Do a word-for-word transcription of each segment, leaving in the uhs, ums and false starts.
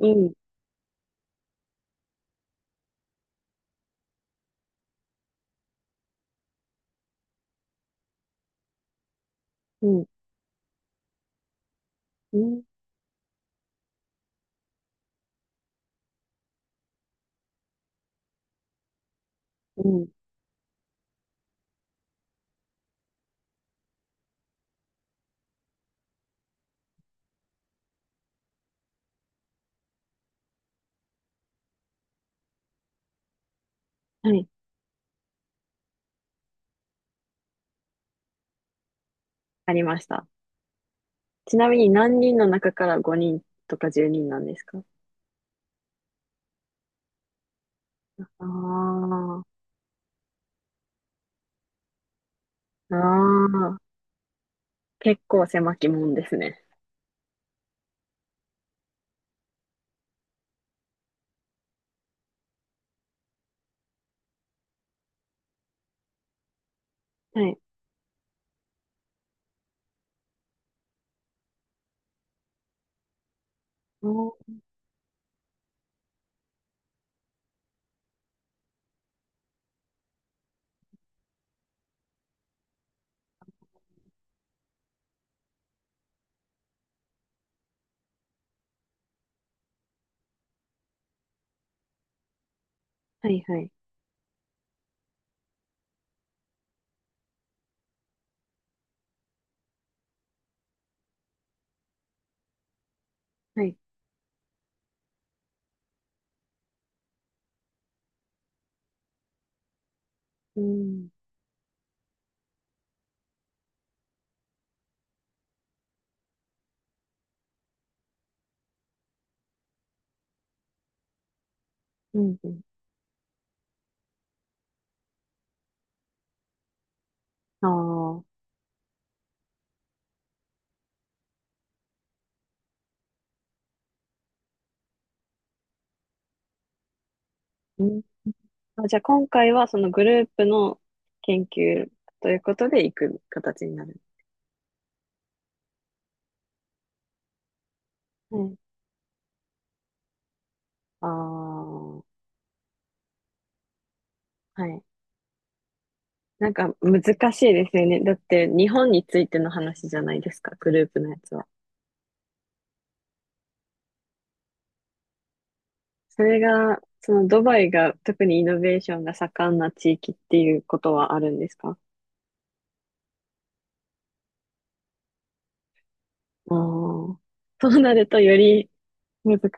うん、うん、うん、うん。はい、ありました。ちなみに何人の中からごにんとかじゅうにんなんですか？ああ、ああ、結構狭き門ですね。はい。おー、はい、はい、はい。うん、うん、うん。ああ、うん。あ、じゃあ今回はそのグループの研究ということで行く形になる。はい。ああ、はい。なんか難しいですよね。だって日本についての話じゃないですか、グループのやつは。それが、そのドバイが特にイノベーションが盛んな地域っていうことはあるんですか？ああー。そうなるとより難しい。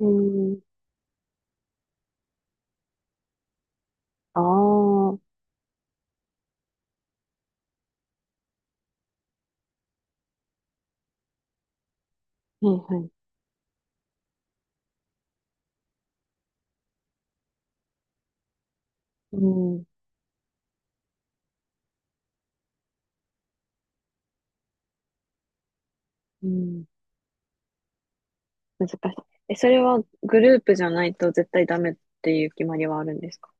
うん。ああ、はいはい。うん。うん。難しい。え、それはグループじゃないと絶対ダメっていう決まりはあるんですか？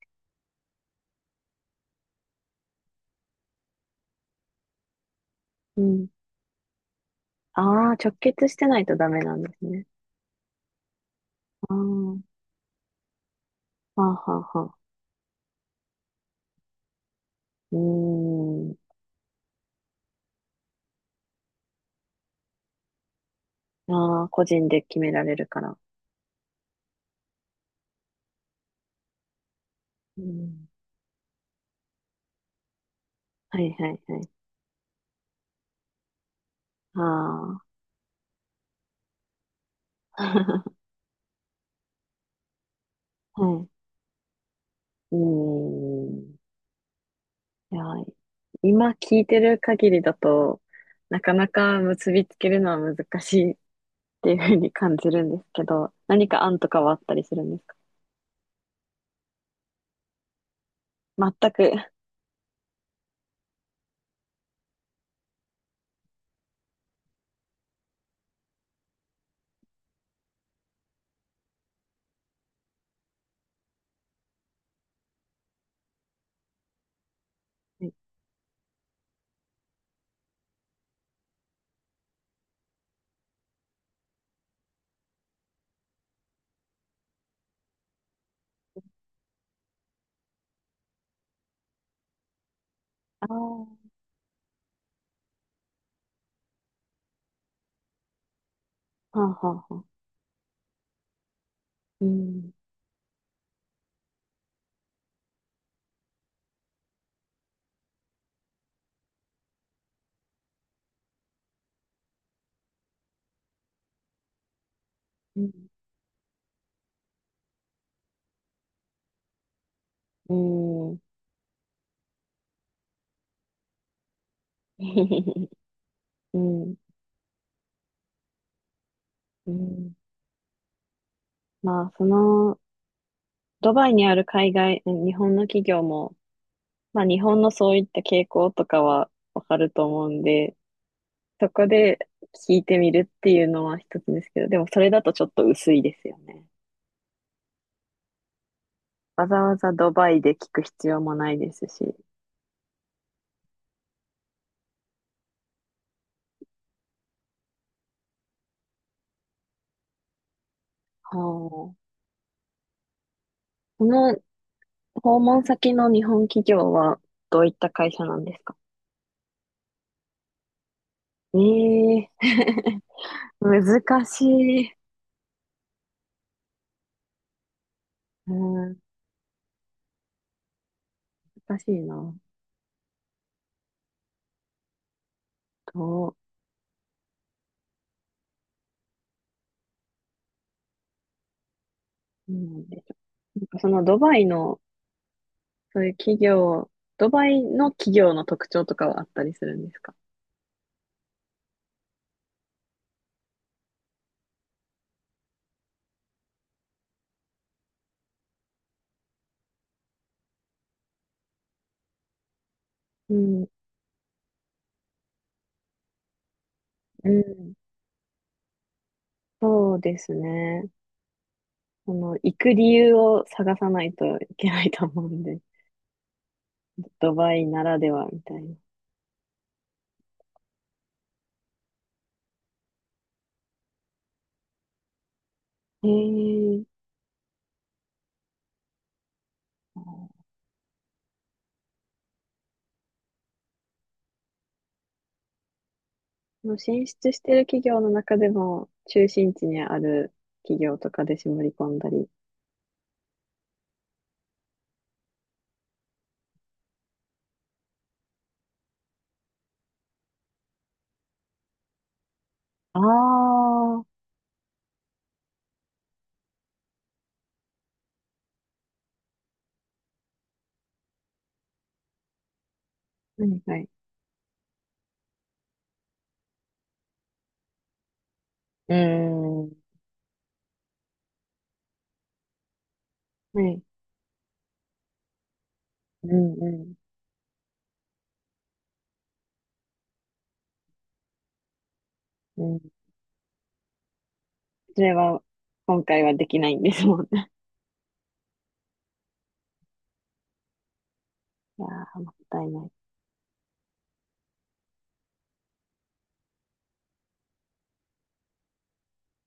うん。ああ、直結してないとダメなんですね。ああ、はあはあはあ。うーん。ああ、個人で決められるから。うん。はいはいはい。ああ。はい。うーん。いや、今聞いてる限りだと、なかなか結びつけるのは難しいっていうふうに感じるんですけど、何か案とかはあったりするんですか？全く。はい。ああ、はあはあはあ。うん。うん。うん。うん。うん。まあ、その、ドバイにある海外、日本の企業も、まあ、日本のそういった傾向とかはわかると思うんで、そこで聞いてみるっていうのは一つですけど、でもそれだとちょっと薄いですよね。わざわざドバイで聞く必要もないですし。はあ。この訪問先の日本企業はどういった会社なんですか？ええー、難しい。うん、難しいな。どうなんでしょう。なんかそのドバイの、そういう企業、ドバイの企業の特徴とかはあったりするんですか？うん、うん、そうですね。その、行く理由を探さないといけないと思うんで、ドバイならではみたいな。へえ。もう進出してる企業の中でも、中心地にある企業とかで絞り込んだり。ああ、う、はいはい。ーん、うーん、はい。うんうん、うん。それは、今回はできないんですもんね。いやー、もったいない。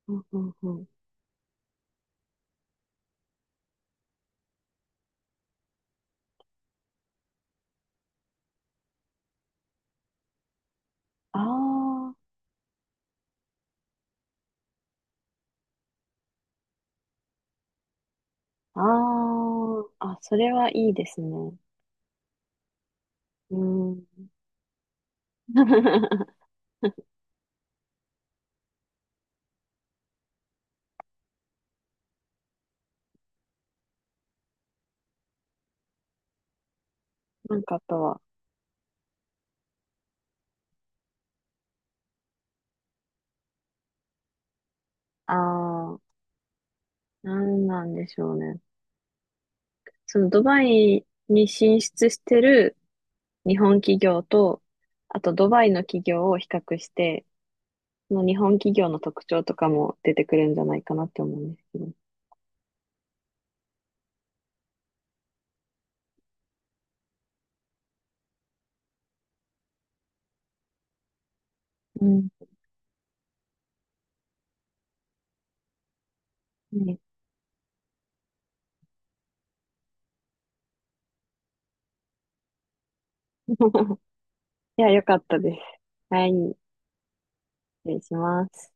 うんうんうん。ああ、ああ、あ、それはいいですね。うん。なんかあとは、た、ああ、なんなんでしょうね。そのドバイに進出してる日本企業と、あとドバイの企業を比較して、その日本企業の特徴とかも出てくるんじゃないかなって思うんですけど。うん。うんね。 いや、よかったです。はい、失礼します。